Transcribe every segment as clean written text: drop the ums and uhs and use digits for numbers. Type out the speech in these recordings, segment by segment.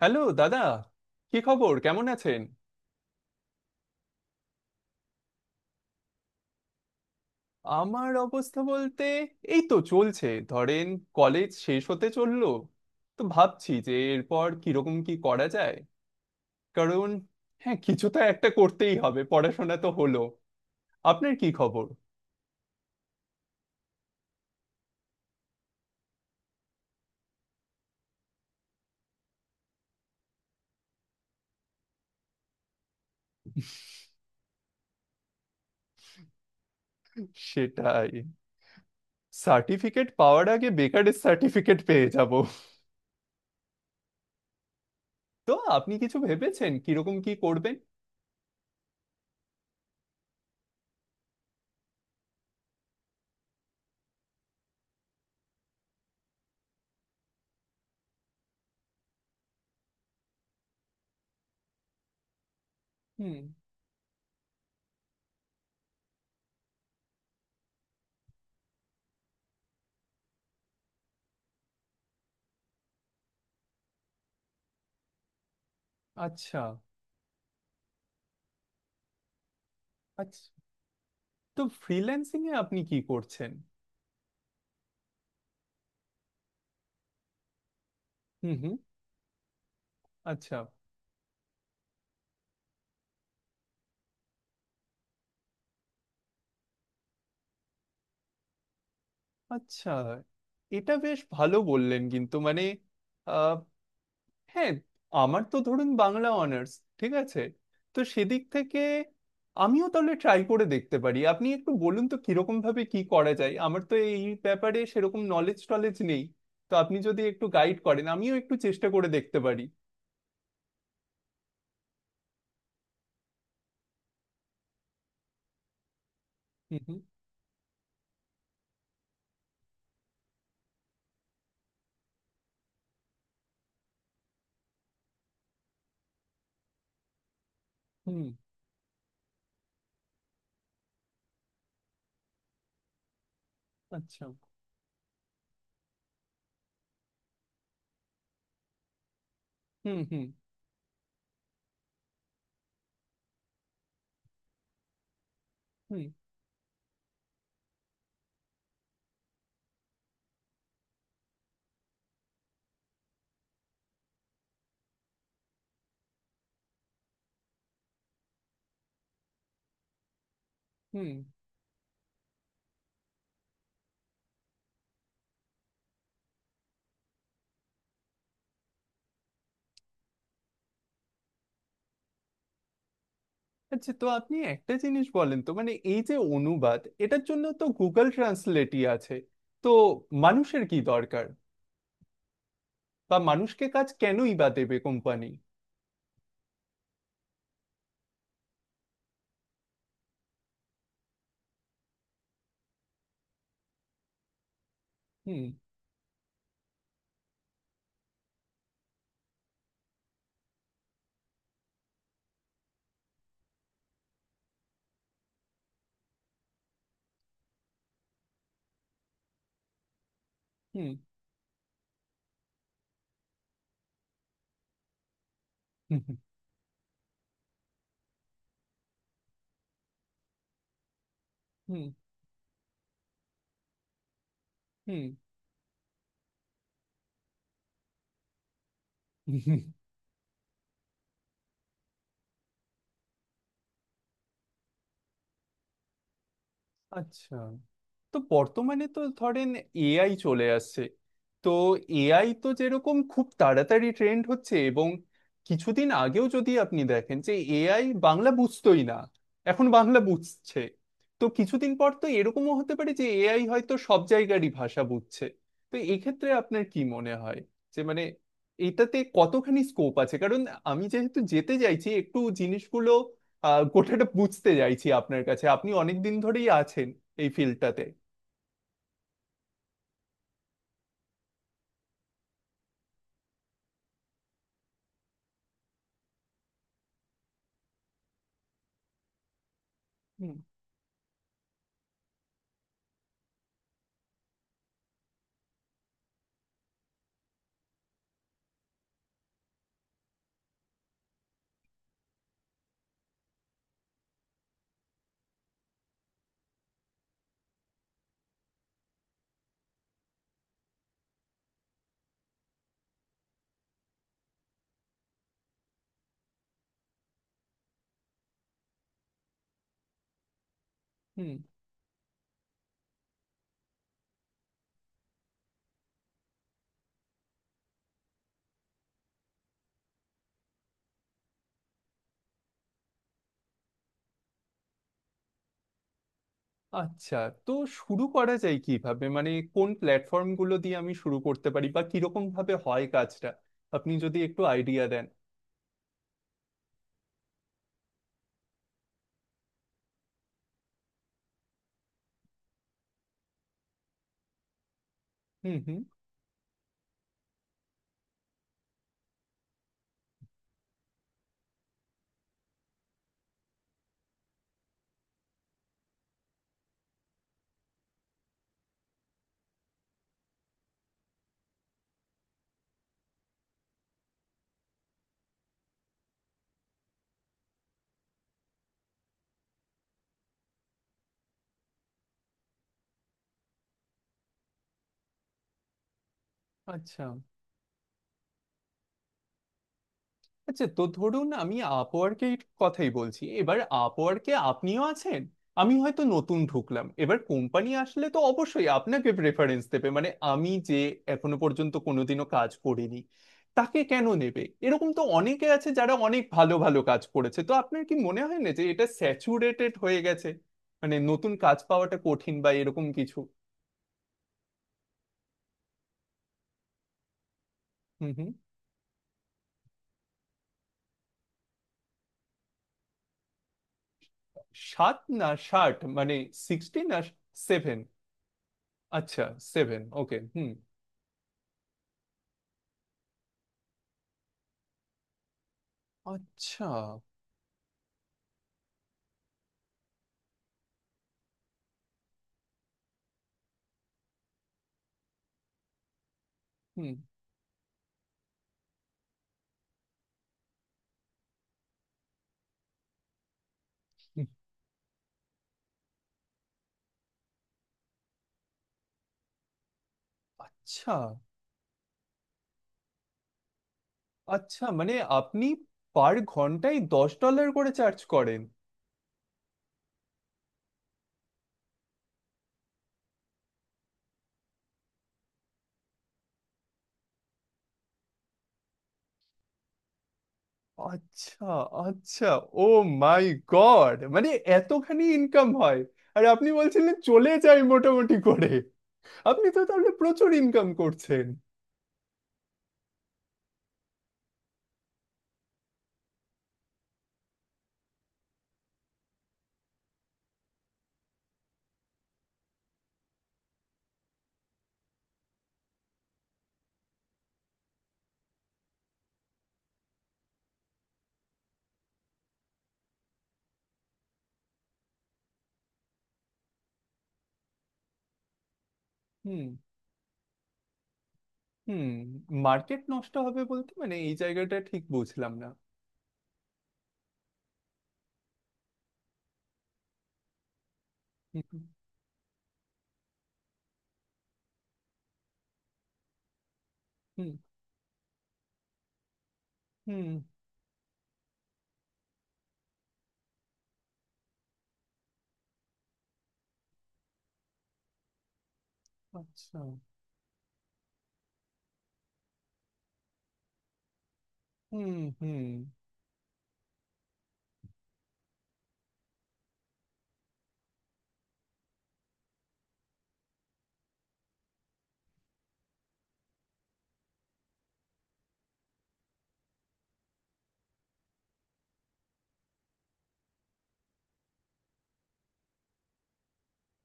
Hello দাদা, কি খবর, কেমন আছেন? আমার অবস্থা বলতে এই তো চলছে ধরেন। কলেজ শেষ হতে চললো, তো ভাবছি যে এরপর কিরকম কি করা যায়। কারণ হ্যাঁ, কিছু তো একটা করতেই হবে, পড়াশোনা তো হলো। আপনার কি খবর? সেটাই, সার্টিফিকেট পাওয়ার আগে বেকারের সার্টিফিকেট পেয়ে যাব। তো আপনি কিছু ভেবেছেন কিরকম কি করবেন? হুম। আচ্ছা। আচ্ছা, তো ফ্রিল্যান্সিং এ আপনি কি করছেন? হুম হুম। আচ্ছা। আচ্ছা, এটা বেশ ভালো বললেন, কিন্তু মানে আহ, হ্যাঁ, আমার তো ধরুন বাংলা অনার্স, ঠিক আছে, তো সেদিক থেকে আমিও তাহলে ট্রাই করে দেখতে পারি। আপনি একটু বলুন তো কিরকম ভাবে কি করা যায়, আমার তো এই ব্যাপারে সেরকম নলেজ টলেজ নেই, তো আপনি যদি একটু গাইড করেন আমিও একটু চেষ্টা করে দেখতে পারি। হুম হুম। হুম। আচ্ছা। হুম হুম। হুম হুম। আচ্ছা, তো আপনি একটা জিনিস বলেন তো, মানে এই যে অনুবাদ, এটার জন্য তো গুগল ট্রান্সলেটই আছে। তো মানুষের কি দরকার, বা মানুষকে কাজ কেনই বা দেবে কোম্পানি? হুম। হুম। হুম। হুম। হুম। হুম। আচ্ছা, তো বর্তমানে তো ধরেন এআই চলে আসছে। তো এআই তো যেরকম খুব তাড়াতাড়ি ট্রেন্ড হচ্ছে, এবং কিছুদিন আগেও যদি আপনি দেখেন যে এআই বাংলা বুঝতোই না, এখন বাংলা বুঝছে। তো কিছুদিন পর তো এরকমও হতে পারে যে এআই হয়তো সব জায়গারই ভাষা বুঝছে। তো এক্ষেত্রে আপনার কি মনে হয় যে মানে এটাতে কতখানি স্কোপ আছে? কারণ আমি যেহেতু যেতে চাইছি, একটু জিনিসগুলো গোটাটা বুঝতে চাইছি আপনার কাছে, আপনি অনেক দিন ধরেই আছেন এই ফিল্ডটাতে। হুম হুম। আচ্ছা, তো শুরু করা যায় কিভাবে? মানে কোন প্ল্যাটফর্ম গুলো দিয়ে আমি শুরু করতে পারি, বা কিরকম ভাবে হয় কাজটা? আপনি যদি একটু আইডিয়া দেন। হুম হুম। আচ্ছা। আচ্ছা, তো ধরুন আমি আপওয়ার্কের কথাই বলছি এবার। আপওয়ার্কে আপনিও আছেন, আমি হয়তো নতুন ঢুকলাম এবার। কোম্পানি আসলে তো অবশ্যই আপনাকে প্রেফারেন্স দেবে, মানে আমি যে এখনো পর্যন্ত কোনোদিনও কাজ করিনি তাকে কেন নেবে? এরকম তো অনেকে আছে যারা অনেক ভালো ভালো কাজ করেছে। তো আপনার কি মনে হয় না যে এটা স্যাচুরেটেড হয়ে গেছে? মানে নতুন কাজ পাওয়াটা কঠিন বা এরকম কিছু? হুম হুম। সাত না 60 মানে? 60 না সেভেন? আচ্ছা। Seven, okay. হুম। আচ্ছা। হুম হুম, আচ্ছা। আচ্ছা, মানে আপনি পার ঘন্টায় $10 করে চার্জ করেন? আচ্ছা। আচ্ছা। ও মাই গড, মানে এতখানি ইনকাম হয়! আর আপনি বলছিলেন চলে যায় মোটামুটি করে, আপনি তো তাহলে প্রচুর ইনকাম করছেন। হুম হুম। মার্কেট নষ্ট হবে বলতে, মানে এই জায়গাটা ঠিক বুঝলাম না। হুম হুম। হুম। আচ্ছা। হুম হুম।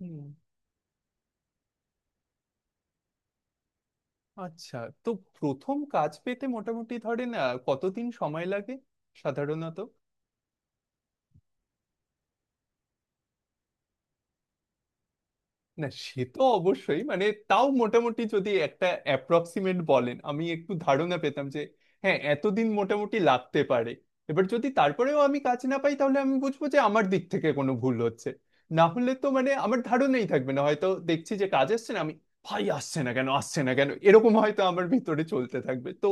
হুম। আচ্ছা, তো প্রথম কাজ পেতে মোটামুটি ধরেন কতদিন সময় লাগে সাধারণত? না সে তো অবশ্যই, মানে তাও মোটামুটি যদি একটা অ্যাপ্রক্সিমেট বলেন আমি একটু ধারণা পেতাম যে হ্যাঁ এতদিন মোটামুটি লাগতে পারে। এবার যদি তারপরেও আমি কাজ না পাই তাহলে আমি বুঝবো যে আমার দিক থেকে কোনো ভুল হচ্ছে। না হলে তো মানে আমার ধারণাই থাকবে না, হয়তো দেখছি যে কাজ আসছে না, আমি ভাই আসছে না কেন আসছে না কেন এরকম হয়তো আমার ভিতরে চলতে থাকবে। তো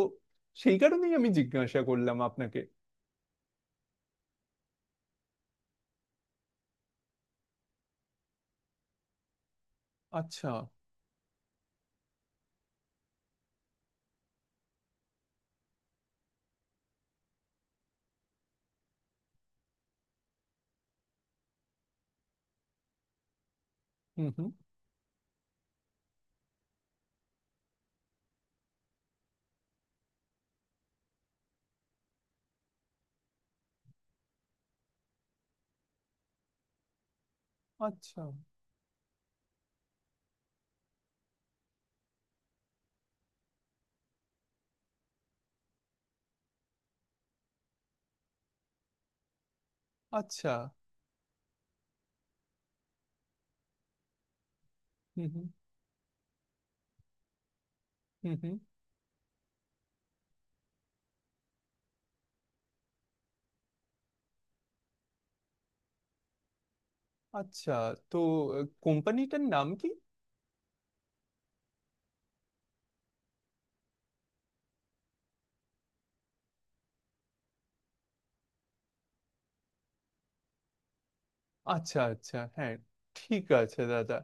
সেই কারণেই আমি জিজ্ঞাসা করলাম আপনাকে। আচ্ছা। হুম হুম। আচ্ছা। আচ্ছা। হুম হুম। হুম হুম। আচ্ছা, তো কোম্পানিটার নাম কি? আচ্ছা আচ্ছা, হ্যাঁ, ঠিক আছে দাদা।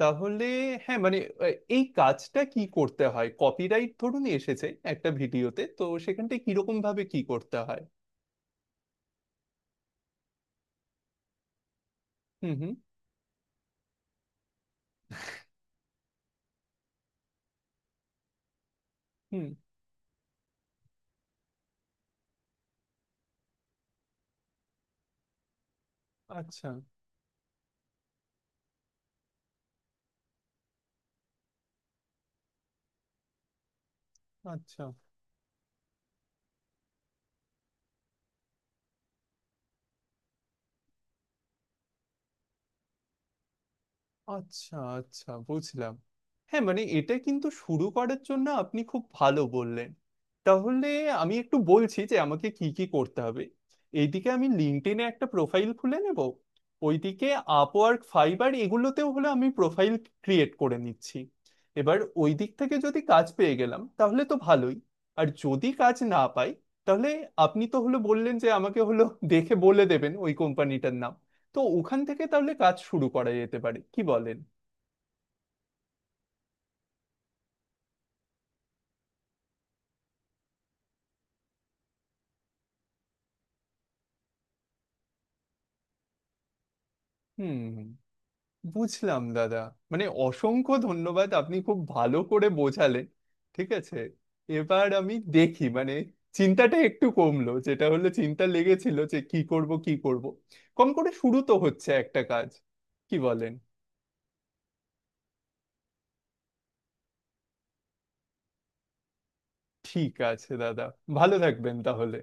তাহলে হ্যাঁ, মানে এই কাজটা কি করতে হয়? কপিরাইট ধরুন এসেছে একটা ভিডিওতে, তো সেখানটায় কিরকম ভাবে কি করতে হয়? হুম হুম। হুম। আচ্ছা। আচ্ছা। আচ্ছা। আচ্ছা বুঝলাম। হ্যাঁ, মানে এটা কিন্তু শুরু করার জন্য আপনি খুব ভালো বললেন। তাহলে আমি একটু বলছি যে আমাকে কি কি করতে হবে। এইদিকে আমি লিঙ্কডইনে একটা প্রোফাইল খুলে নেব, ওইদিকে আপওয়ার্ক, ফাইবার, এগুলোতেও হলে আমি প্রোফাইল ক্রিয়েট করে নিচ্ছি। এবার ওই দিক থেকে যদি কাজ পেয়ে গেলাম তাহলে তো ভালোই। আর যদি কাজ না পাই তাহলে আপনি তো হলো বললেন যে আমাকে হলো দেখে বলে দেবেন ওই কোম্পানিটার নাম, তো ওখান থেকে তাহলে কাজ শুরু করা যেতে পারে, কি বলেন? হুম। বুঝলাম দাদা। মানে অসংখ্য ধন্যবাদ, আপনি খুব ভালো করে বোঝালেন। ঠিক আছে, এবার আমি দেখি, মানে চিন্তাটা একটু কমলো, যেটা হলো চিন্তা লেগেছিল যে কি করব কি করব। কম করে শুরু তো হচ্ছে একটা কাজ, কি বলেন? ঠিক আছে দাদা, ভালো থাকবেন তাহলে।